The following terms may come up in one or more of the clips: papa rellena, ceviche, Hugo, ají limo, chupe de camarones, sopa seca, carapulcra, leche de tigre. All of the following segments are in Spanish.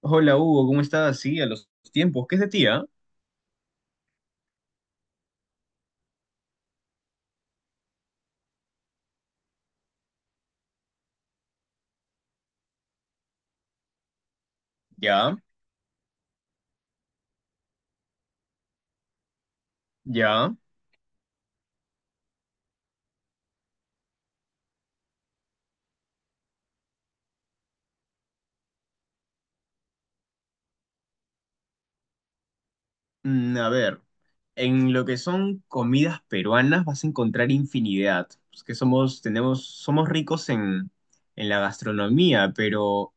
Hola Hugo, ¿cómo estás? Sí, a los tiempos. ¿Qué es de ti, ah? Ya, ya. A ver, en lo que son comidas peruanas vas a encontrar infinidad. Es que somos, tenemos, somos ricos en la gastronomía, pero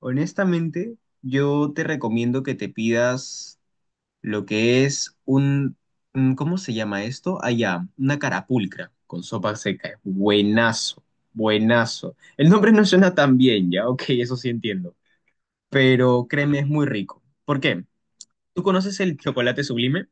honestamente yo te recomiendo que te pidas lo que es un- ¿cómo se llama esto? Allá, una carapulcra con sopa seca. Buenazo, buenazo. El nombre no suena tan bien, ya, ok, eso sí entiendo, pero créeme, es muy rico. ¿Por qué? ¿Tú conoces el chocolate sublime?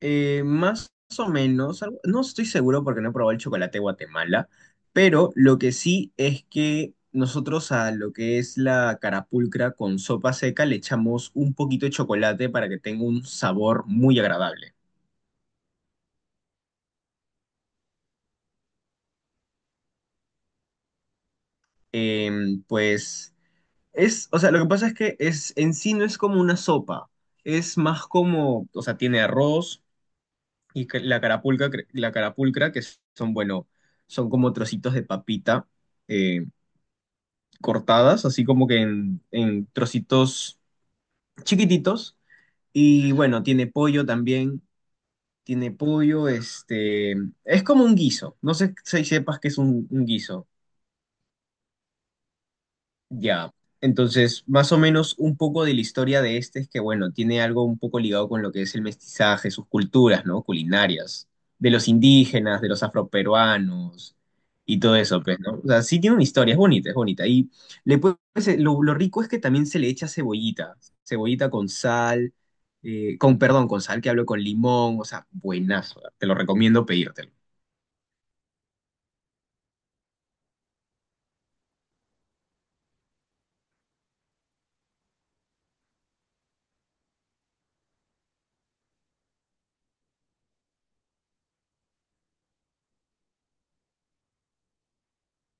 Más o menos, algo- no estoy seguro porque no he probado el chocolate de Guatemala, pero lo que sí es que nosotros a lo que es la carapulcra con sopa seca le echamos un poquito de chocolate para que tenga un sabor muy agradable. Pues es, o sea, lo que pasa es que es, en sí no es como una sopa, es más como, o sea, tiene arroz y ca- la carapulca, cre- la carapulcra, que son, bueno, son como trocitos de papita eh, cortadas, así como que en trocitos chiquititos. Y bueno, tiene pollo también, tiene pollo, este, es como un guiso, no sé si sepas que es un guiso. Ya, entonces, más o menos un poco de la historia de este es que, bueno, tiene algo un poco ligado con lo que es el mestizaje, sus culturas, ¿no? Culinarias, de los indígenas, de los afroperuanos y todo eso, pues, ¿no? O sea, sí tiene una historia, es bonita, es bonita. Y le puedes- lo rico es que también se le echa cebollita, cebollita con sal, con, perdón, con sal que hablo con limón, o sea, buenazo, te lo recomiendo pedírtelo.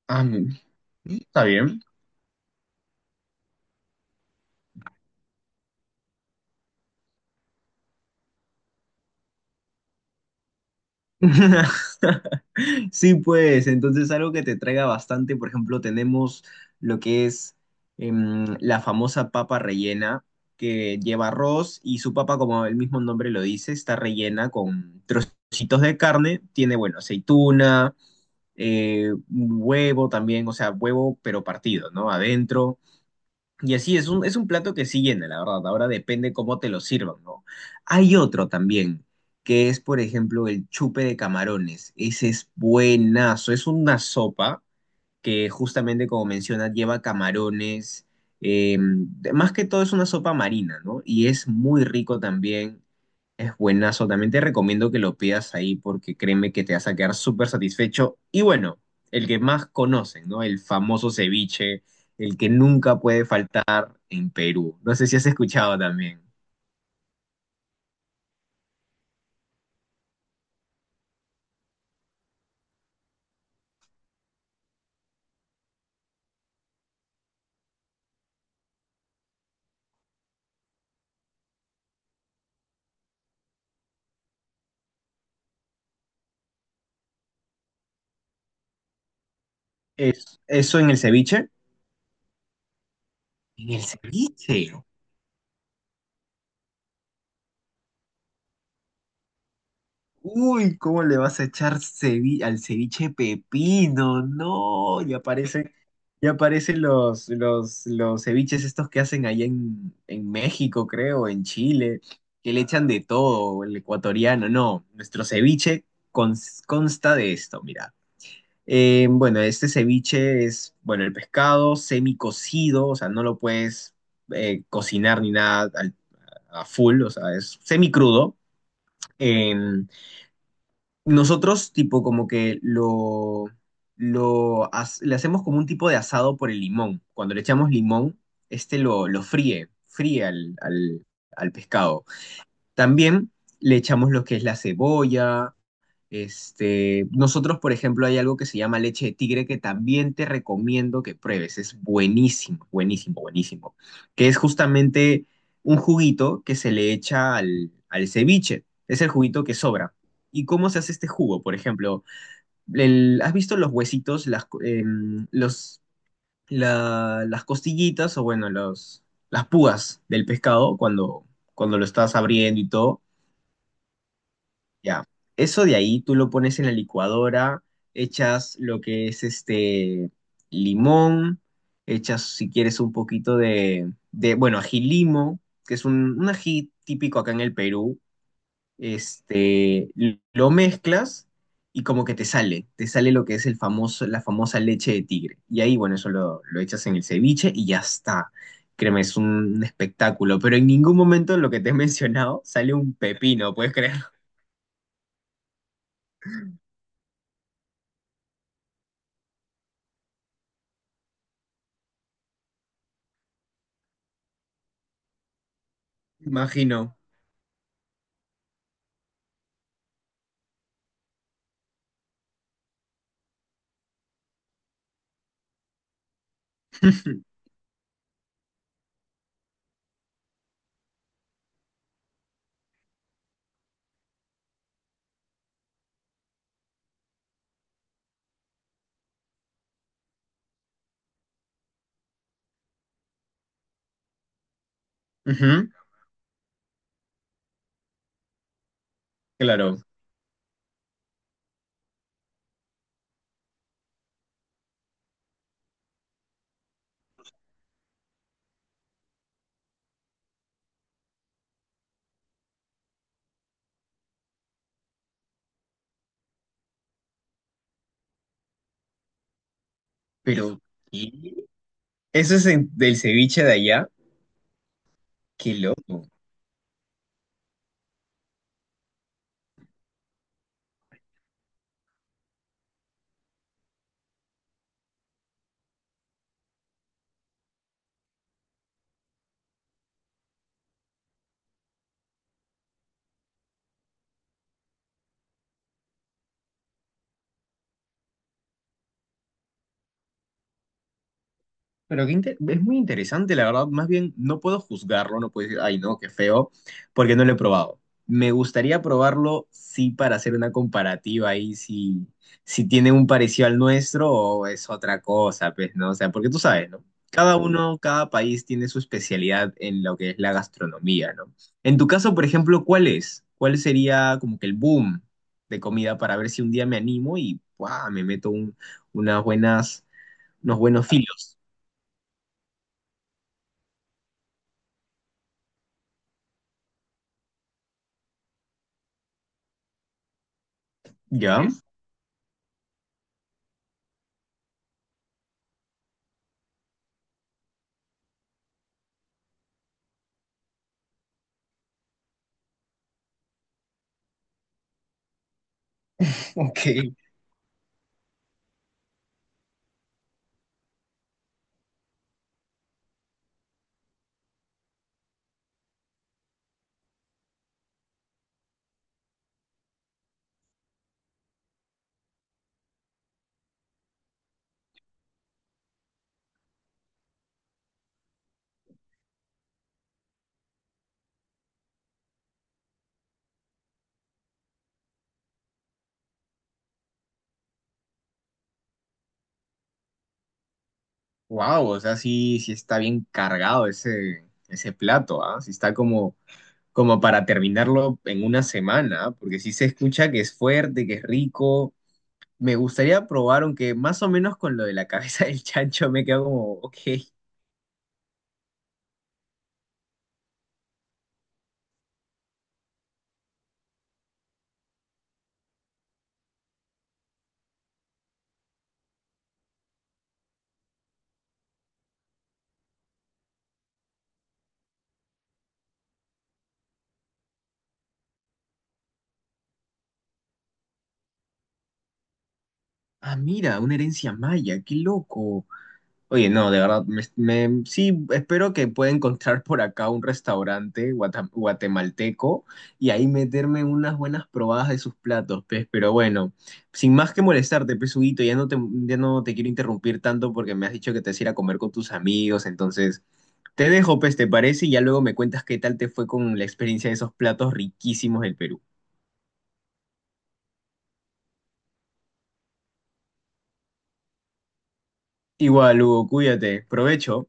Ah, está bien. Sí, pues, entonces algo que te traiga bastante, por ejemplo, tenemos lo que es la famosa papa rellena, que lleva arroz y su papa, como el mismo nombre lo dice, está rellena con trocitos de carne, tiene, bueno, aceituna, un huevo también, o sea, huevo pero partido, ¿no? Adentro. Y así es un plato que sí llena, la verdad. Ahora depende cómo te lo sirvan, ¿no? Hay otro también, que es, por ejemplo, el chupe de camarones. Ese es buenazo. Es una sopa que justamente como mencionas lleva camarones, eh, más que todo es una sopa marina, ¿no? Y es muy rico también, es buenazo, también te recomiendo que lo pidas ahí porque créeme que te vas a quedar súper satisfecho. Y bueno, el que más conocen, ¿no? El famoso ceviche, el que nunca puede faltar en Perú. No sé si has escuchado también. Es, eso en el ceviche. En el ceviche. Uy, ¿cómo le vas a echar cevi- al ceviche pepino? No, ya aparecen los ceviches estos que hacen allá en México, creo, en Chile, que le echan de todo, el ecuatoriano. No, nuestro ceviche cons- consta de esto, mira. Bueno, este ceviche es, bueno, el pescado semicocido, o sea, no lo puedes cocinar ni nada al- a full, o sea, es semicrudo. Crudo nosotros, tipo, como que lo as- le hacemos como un tipo de asado por el limón. Cuando le echamos limón, este lo fríe, fríe al, al- al pescado. También le echamos lo que es la cebolla, este, nosotros, por ejemplo, hay algo que se llama leche de tigre que también te recomiendo que pruebes. Es buenísimo, buenísimo, buenísimo. Que es justamente un juguito que se le echa al, al ceviche. Es el juguito que sobra. ¿Y cómo se hace este jugo? Por ejemplo, el- ¿has visto los huesitos, las, co- los, la- las costillitas o bueno, los, las púas del pescado cuando, cuando lo estás abriendo y todo? Ya, eso de ahí tú lo pones en la licuadora, echas lo que es este limón, echas si quieres un poquito de bueno, ají limo, que es un ají típico acá en el Perú, este, l- lo mezclas y como que te sale lo que es el famoso, la famosa leche de tigre. Y ahí, bueno, eso lo echas en el ceviche y ya está. Créeme, es un espectáculo, pero en ningún momento lo que te he mencionado sale un pepino, ¿puedes creer? Imagino. Ujú, ujú, claro, pero ¿qué? Eso es en- del ceviche de allá. Qué loco. Pero qué inte- es muy interesante, la verdad. Más bien, no puedo juzgarlo, no puedo decir, ay, no, qué feo, porque no lo he probado. Me gustaría probarlo, sí, para hacer una comparativa ahí, si, si tiene un parecido al nuestro o es otra cosa, pues, ¿no? O sea, porque tú sabes, ¿no? Cada uno, cada país tiene su especialidad en lo que es la gastronomía, ¿no? En tu caso, por ejemplo, ¿cuál es? ¿Cuál sería como que el boom de comida para ver si un día me animo y, ¡guau! Me meto un- unas buenas, unos buenos filos, ¿ya? Ok, wow, o sea, sí, sí está bien cargado ese, ese plato, ¿ah? Sí está como, como para terminarlo en una semana, ¿ah? Porque sí se escucha que es fuerte, que es rico. Me gustaría probar, aunque más o menos con lo de la cabeza del chancho me quedo como, ok, ah, mira, una herencia maya, qué loco. Oye, no, de verdad, me- sí, espero que pueda encontrar por acá un restaurante guata- guatemalteco y ahí meterme unas buenas probadas de sus platos, pues, pero bueno, sin más que molestarte, pues, Huguito, ya no te quiero interrumpir tanto porque me has dicho que te vas a ir a comer con tus amigos, entonces te dejo, pues, ¿te parece? Y ya luego me cuentas qué tal te fue con la experiencia de esos platos riquísimos del Perú. Igual, Hugo, cuídate, provecho.